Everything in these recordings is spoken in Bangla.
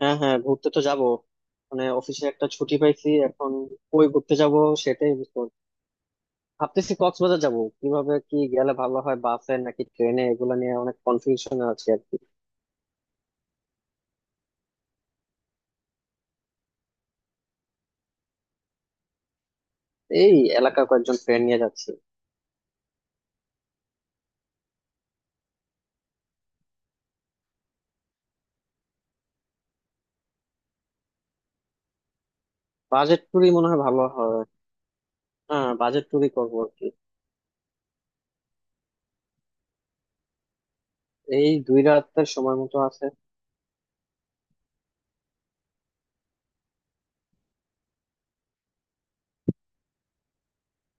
হ্যাঁ, হ্যাঁ, ঘুরতে তো যাব। মানে অফিসে একটা ছুটি পাইছি এখন। কই ঘুরতে যাব সেটাই বুঝতে পারছি না। ভাবতেছি কক্সবাজার যাব, কিভাবে কি গেলে ভালো হয়, বাসে নাকি ট্রেনে, এগুলো নিয়ে অনেক কনফিউশন আছে আর কি। এই এলাকার কয়েকজন ফ্রেন্ড নিয়ে যাচ্ছি। বাজেট ট্যুরই মনে হয় ভালো হয়। হ্যাঁ, বাজেট ট্যুরই করবো আর কি। এই দুই রাতের সময় মতো আছে।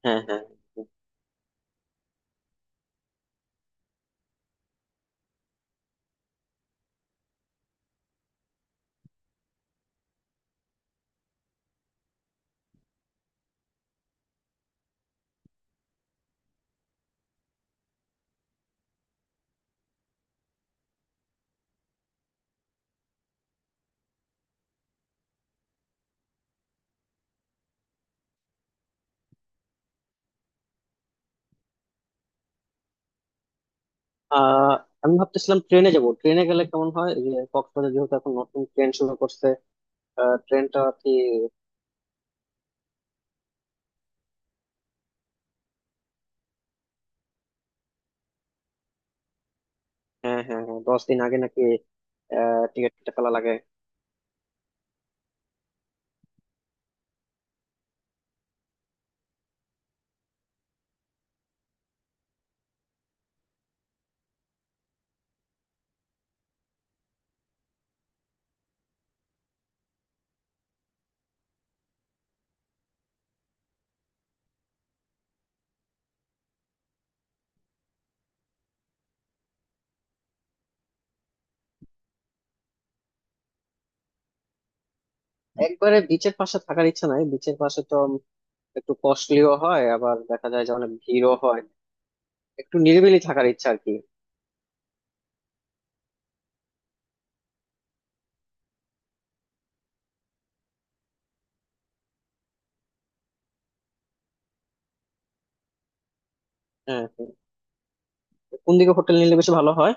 হ্যাঁ, হ্যাঁ. আহ আমি ভাবতেছিলাম ট্রেনে যাব, ট্রেনে গেলে কেমন হয়, এই যে কক্সবাজার যেহেতু এখন নতুন ট্রেন শুরু করছে। ট্রেনটা কি? হ্যাঁ, হ্যাঁ, হ্যাঁ, 10 দিন আগে নাকি টিকিট কেটে ফেলা লাগে। একবারে বিচের পাশে থাকার ইচ্ছা নাই, বিচের পাশে তো একটু কস্টলিও হয়, আবার দেখা যায় যে অনেক ভিড়ও হয়। একটু নিরিবিলি থাকার ইচ্ছা আর কি। হ্যাঁ, হ্যাঁ. কোন দিকে হোটেল নিলে বেশি ভালো হয়?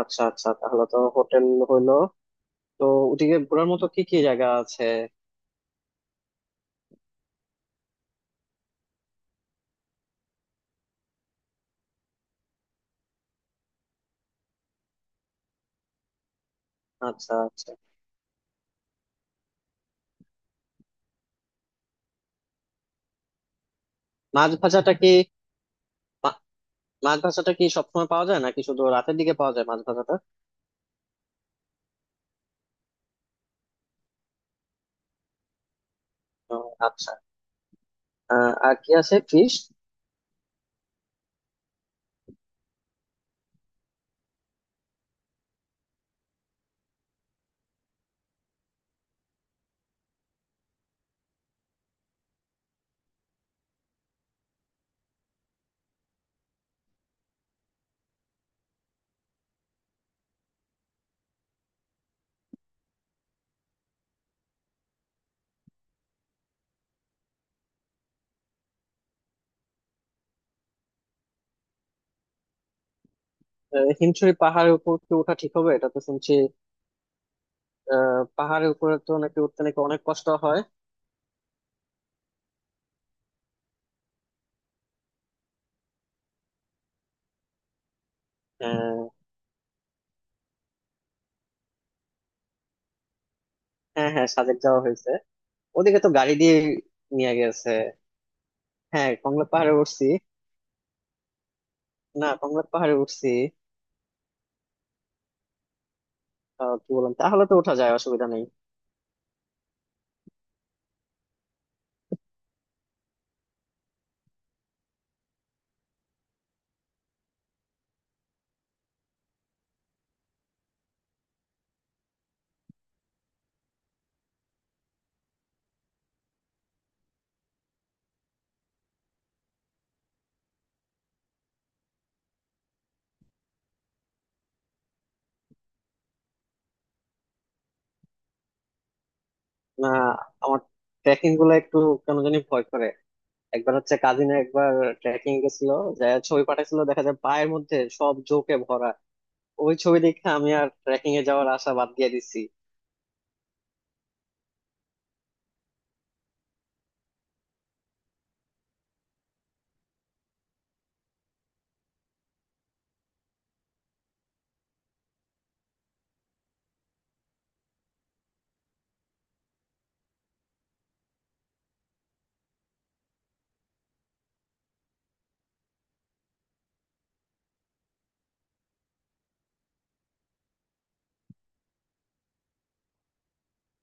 আচ্ছা আচ্ছা তাহলে তো হোটেল হইলো। তো ওদিকে ঘোরার মতো কি কি জায়গা আছে? আচ্ছা, আচ্ছা. মাছ ভাজাটা কি? মা- মাছ ভাজাটা কি সবসময় পাওয়া যায় নাকি শুধু রাতের দিকে পাওয়া যায় মাছ ভাজাটা? ও, আচ্ছা। আর কি আছে ফিশ? হিমছড়ি পাহাড়ের উপর কি ওঠা ঠিক হবে, এটা তো শুনছি পাহাড়ের উপরে তো নাকি উঠতে নাকি অনেক কষ্ট হয়। আহ, হ্যাঁ, হ্যাঁ, সাজেক যাওয়া হয়েছে। ওদিকে তো গাড়ি দিয়ে নিয়ে গেছে। হ্যাঁ, কংলাপ পাহাড়ে উঠছি। না, কংলাপ পাহাড়ে উঠছি। কি বললাম, তাহলে তো ওঠা যায়, অসুবিধা নেই। না, আমার ট্রেকিং গুলো একটু কেন জানি ভয় করে। একবার হচ্ছে কাজিনে একবার ট্রেকিং গেছিল, যা ছবি পাঠাইছিল দেখা যায় পায়ের মধ্যে সব জোকে ভরা। ওই ছবি দেখে আমি আর ট্রেকিং এ যাওয়ার আশা বাদ দিয়ে দিছি।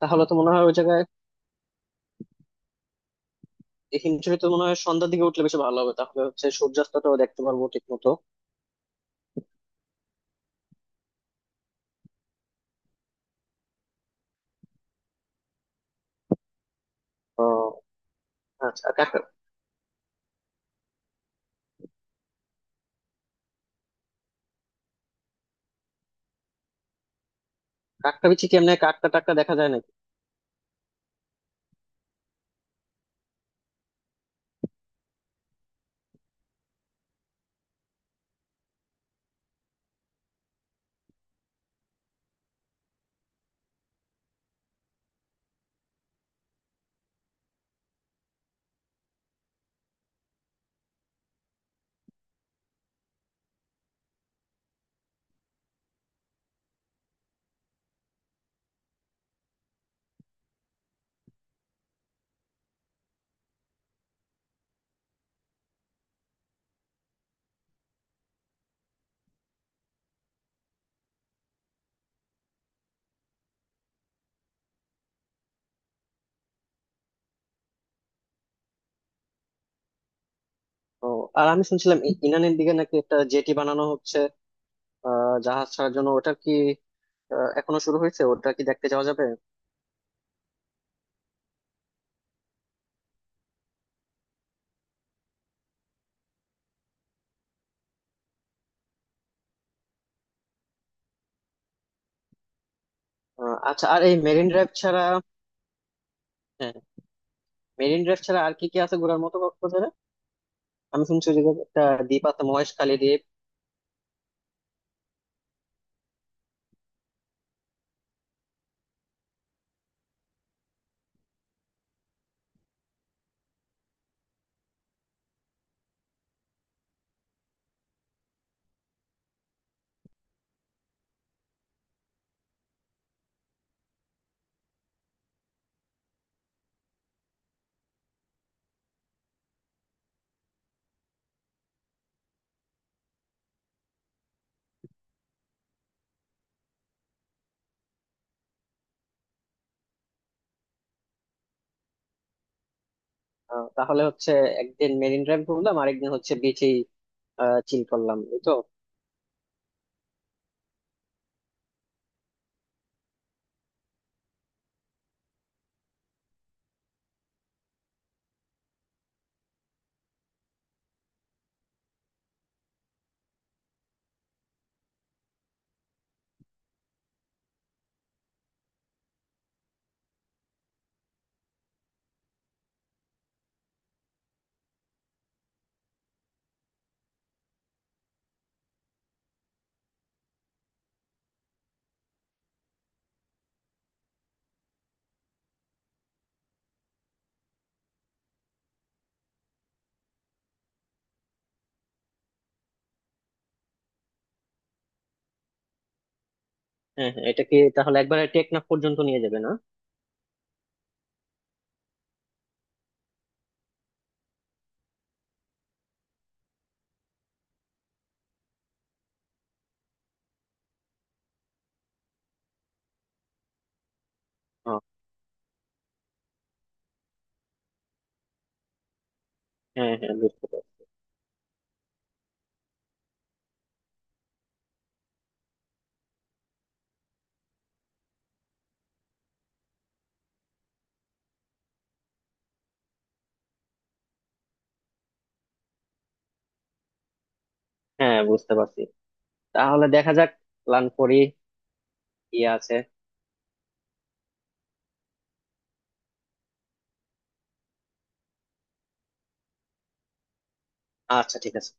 তাহলে তো মনে হয় ওই জায়গায়, এই হিমশিমে তো মনে হয় সন্ধ্যার দিকে উঠলে বেশি ভালো হবে, তাহলে হচ্ছে সূর্যাস্তটাও দেখতে পারবো ঠিক মতো। আহ, আচ্ছা, আর কাকটা, কাকটা বিচি কি এমনি কাকটা টাকটা দেখা যায় নাকি? ও, আর আমি শুনছিলাম ইরানের দিকে নাকি একটা জেটি বানানো হচ্ছে জাহাজ ছাড়ার জন্য, ওটা কি এখনো শুরু হয়েছে? ওটা কি দেখতে যাওয়া যাবে? আচ্ছা, আর এই মেরিন ড্রাইভ ছাড়া, হ্যাঁ, মেরিন ড্রাইভ ছাড়া আর কি কি আছে ঘোরার মতো কক্সবাজারে? আমি শুনছি যে একটা দ্বীপ আছে, মহেশখালী দ্বীপ। তাহলে হচ্ছে একদিন মেরিন ড্রাইভ ঘুরলাম, আরেকদিন হচ্ছে বিচেই চিল করলাম, এই তো। হ্যাঁ, হ্যাঁ, এটা কি তাহলে একবারে টেকনাফ পর্যন্ত নিয়ে যাবে না? ও, হ্যাঁ, হ্যাঁ, বুঝতে পারছি। হ্যাঁ, বুঝতে পারছি। তাহলে দেখা যাক, প্ল্যান করি কি আছে। আচ্ছা, ঠিক আছে।